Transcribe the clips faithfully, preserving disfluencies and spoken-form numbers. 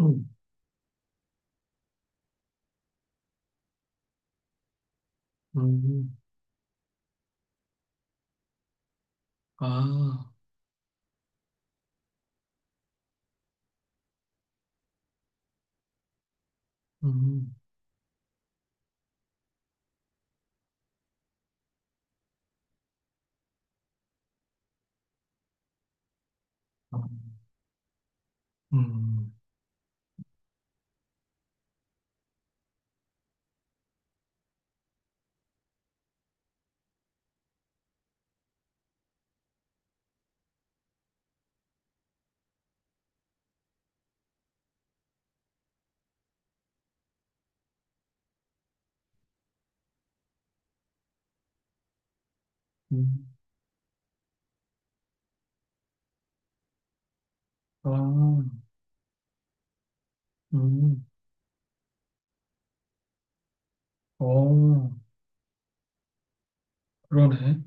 음, 음, 아, 음, 아, 음, 음, 아, 음, 어, 그러네.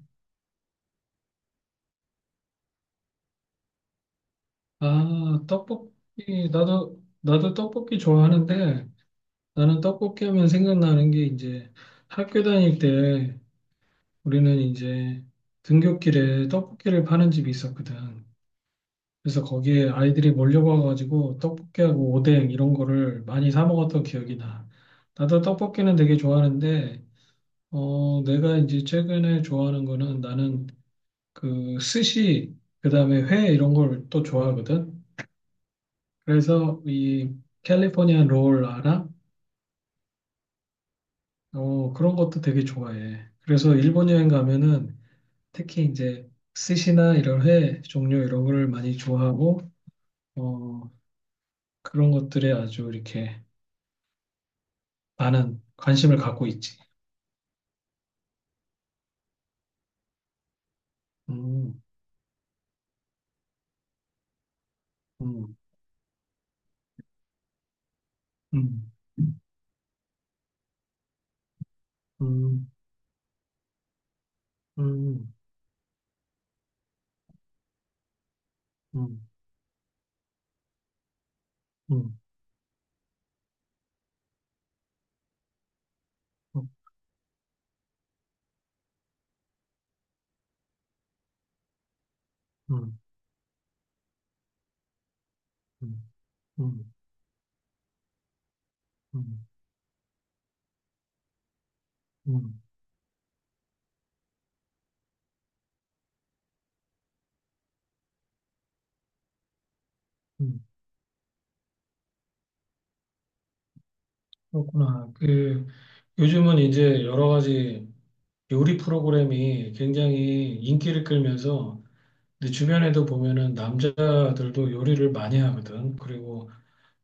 아, 떡볶이, 나도, 나도 떡볶이 좋아하는데, 나는 떡볶이 하면 생각나는 게 이제 학교 다닐 때 우리는 이제 등굣길에 떡볶이를 파는 집이 있었거든. 그래서 거기에 아이들이 몰려와가지고 떡볶이하고 오뎅 이런 거를 많이 사 먹었던 기억이 나. 나도 떡볶이는 되게 좋아하는데, 어, 내가 이제 최근에 좋아하는 거는 나는 그 스시, 그다음에 회 이런 걸 또 좋아하거든. 그래서 이 캘리포니아 롤 알아? 어, 그런 것도 되게 좋아해. 그래서 일본 여행 가면은 특히 이제 스시나 이런 회 종류 이런 걸 많이 좋아하고 어, 그런 것들에 아주 이렇게 많은 관심을 갖고 있지. 음, 음, 음, 음, 음, 음, 음, 음, 음, 음, 음, 음. 음, 음. 음, 그렇구나. 그, 요즘은 이제 여러 가지 요리 프로그램이 굉장히 인기를 끌면서 내 주변에도 보면은 남자들도 요리를 많이 하거든. 그리고,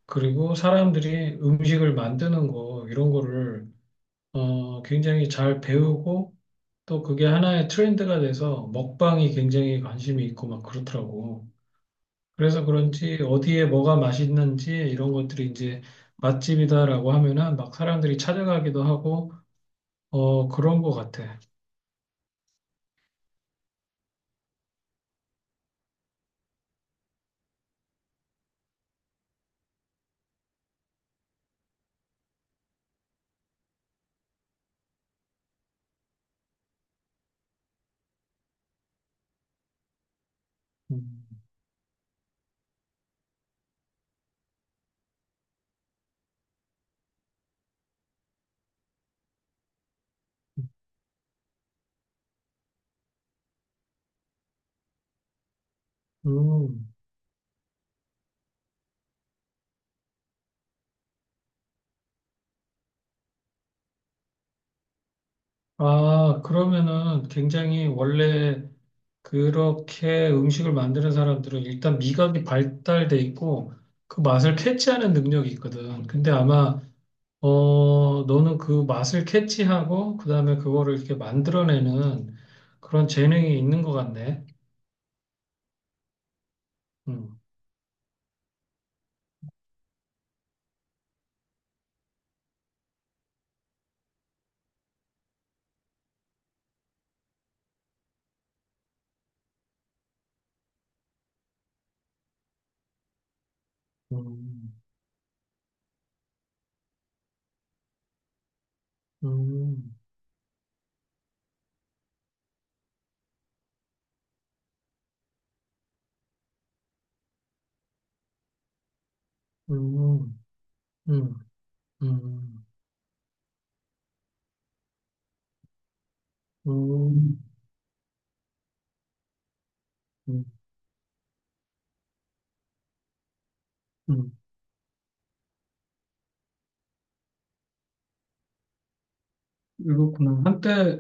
그리고 사람들이 음식을 만드는 거, 이런 거를, 어, 굉장히 잘 배우고 또 그게 하나의 트렌드가 돼서 먹방이 굉장히 관심이 있고 막 그렇더라고. 그래서 그런지 어디에 뭐가 맛있는지 이런 것들이 이제 맛집이다라고 하면은 막 사람들이 찾아가기도 하고 어 그런 것 같아. 음. 음. 아, 그러면은 굉장히 원래 그렇게 음식을 만드는 사람들은 일단 미각이 발달돼 있고 그 맛을 캐치하는 능력이 있거든. 근데 아마 어 너는 그 맛을 캐치하고 그다음에 그거를 이렇게 만들어내는 그런 재능이 있는 것 같네. 음. 음. 음, 음, 음, 음, 음, 음, 음. 이렇구나. 한때,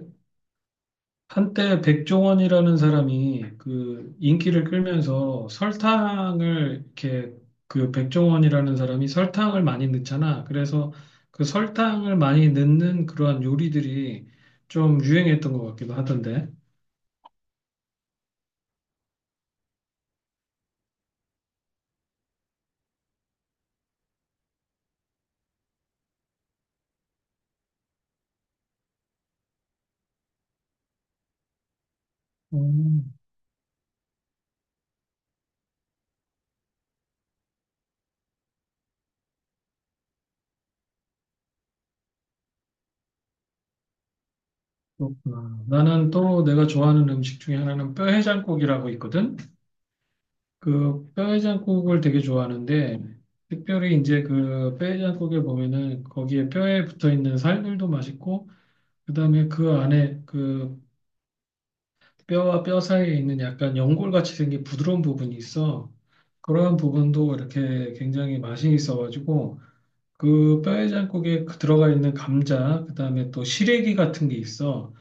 한때 백종원이라는 사람이 그 인기를 끌면서 설탕을 이렇게 그 백종원이라는 사람이 설탕을 많이 넣잖아. 그래서 그 설탕을 많이 넣는 그러한 요리들이 좀 유행했던 것 같기도 하던데. 음, 그렇구나. 나는 또 내가 좋아하는 음식 중에 하나는 뼈해장국이라고 있거든. 그 뼈해장국을 되게 좋아하는데 특별히 이제 그 뼈해장국에 보면은 거기에 뼈에 붙어 있는 살들도 맛있고 그다음에 그 안에 그 뼈와 뼈 사이에 있는 약간 연골같이 생긴 부드러운 부분이 있어. 그런 부분도 이렇게 굉장히 맛이 있어가지고 그 뼈해장국에 그 들어가 있는 감자, 그다음에 또 시래기 같은 게 있어.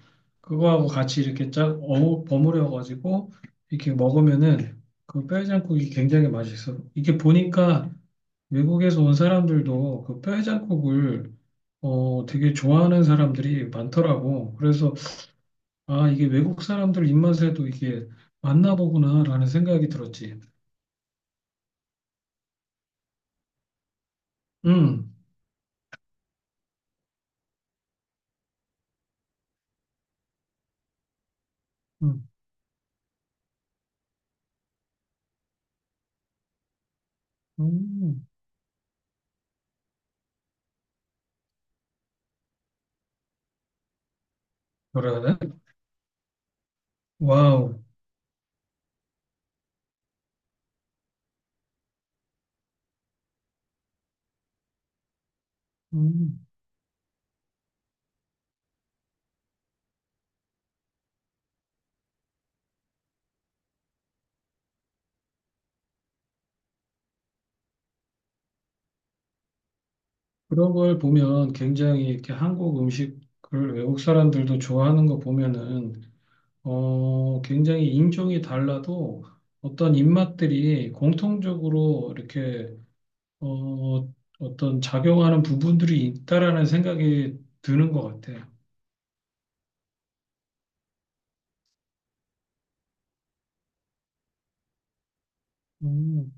그거하고 같이 이렇게 쫙 어우 버무려 가지고 이렇게 먹으면은 그 뼈해장국이 굉장히 맛있어. 이게 보니까 외국에서 온 사람들도 그 뼈해장국을 어 되게 좋아하는 사람들이 많더라고. 그래서 아 이게 외국 사람들 입맛에도 이게 맞나 보구나라는 생각이 들었지. 음, 음, 음, 뭐라 해야 돼? 와우. 음. 그런 걸 보면 굉장히 이렇게 한국 음식을 외국 사람들도 좋아하는 거 보면은 어 굉장히 인종이 달라도 어떤 입맛들이 공통적으로 이렇게 어 어떤 작용하는 부분들이 있다라는 생각이 드는 것 같아요. 음,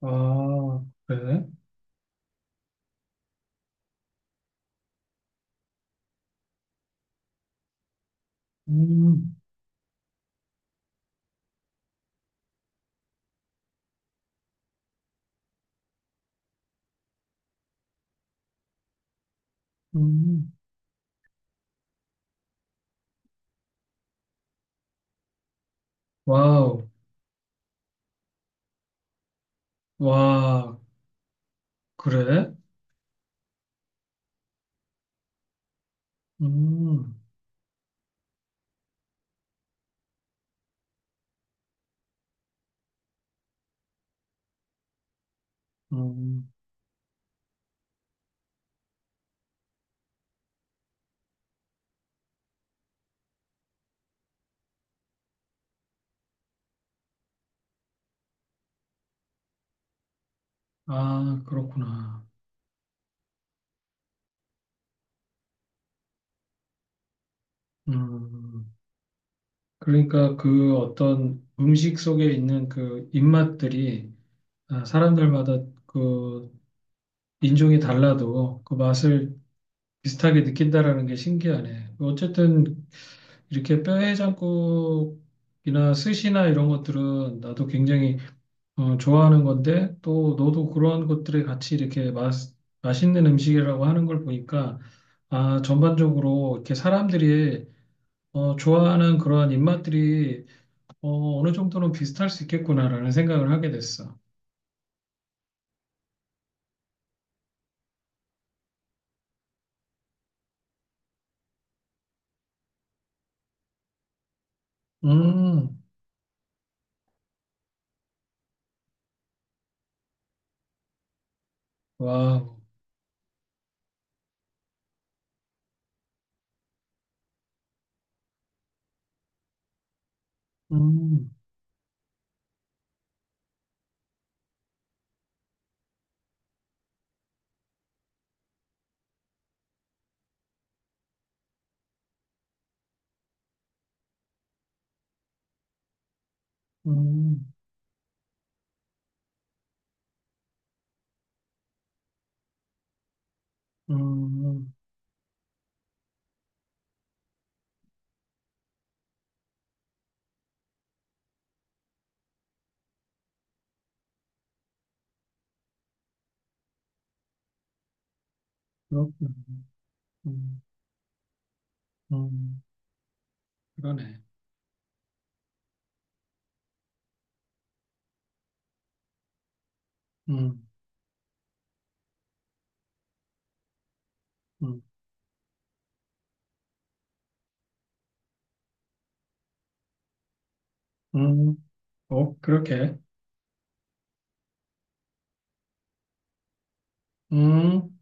아, 그래? 음, 음, 와우, 와, 그래? 음, 음. 아, 그렇구나. 음. 그러니까 그 어떤 음식 속에 있는 그 입맛들이 아, 사람들마다 그 인종이 달라도 그 맛을 비슷하게 느낀다라는 게 신기하네. 어쨌든 이렇게 뼈해장국이나 스시나 이런 것들은 나도 굉장히 어, 좋아하는 건데 또 너도 그러한 것들에 같이 이렇게 맛, 맛있는 음식이라고 하는 걸 보니까 아, 전반적으로 이렇게 사람들이 어, 좋아하는 그러한 입맛들이 어, 어느 정도는 비슷할 수 있겠구나라는 생각을 하게 됐어. 음, 와우. 음, 음, 음, 그렇구나. 음, 음, 그러네. 음, 음, 음. 어, 그렇게. 음.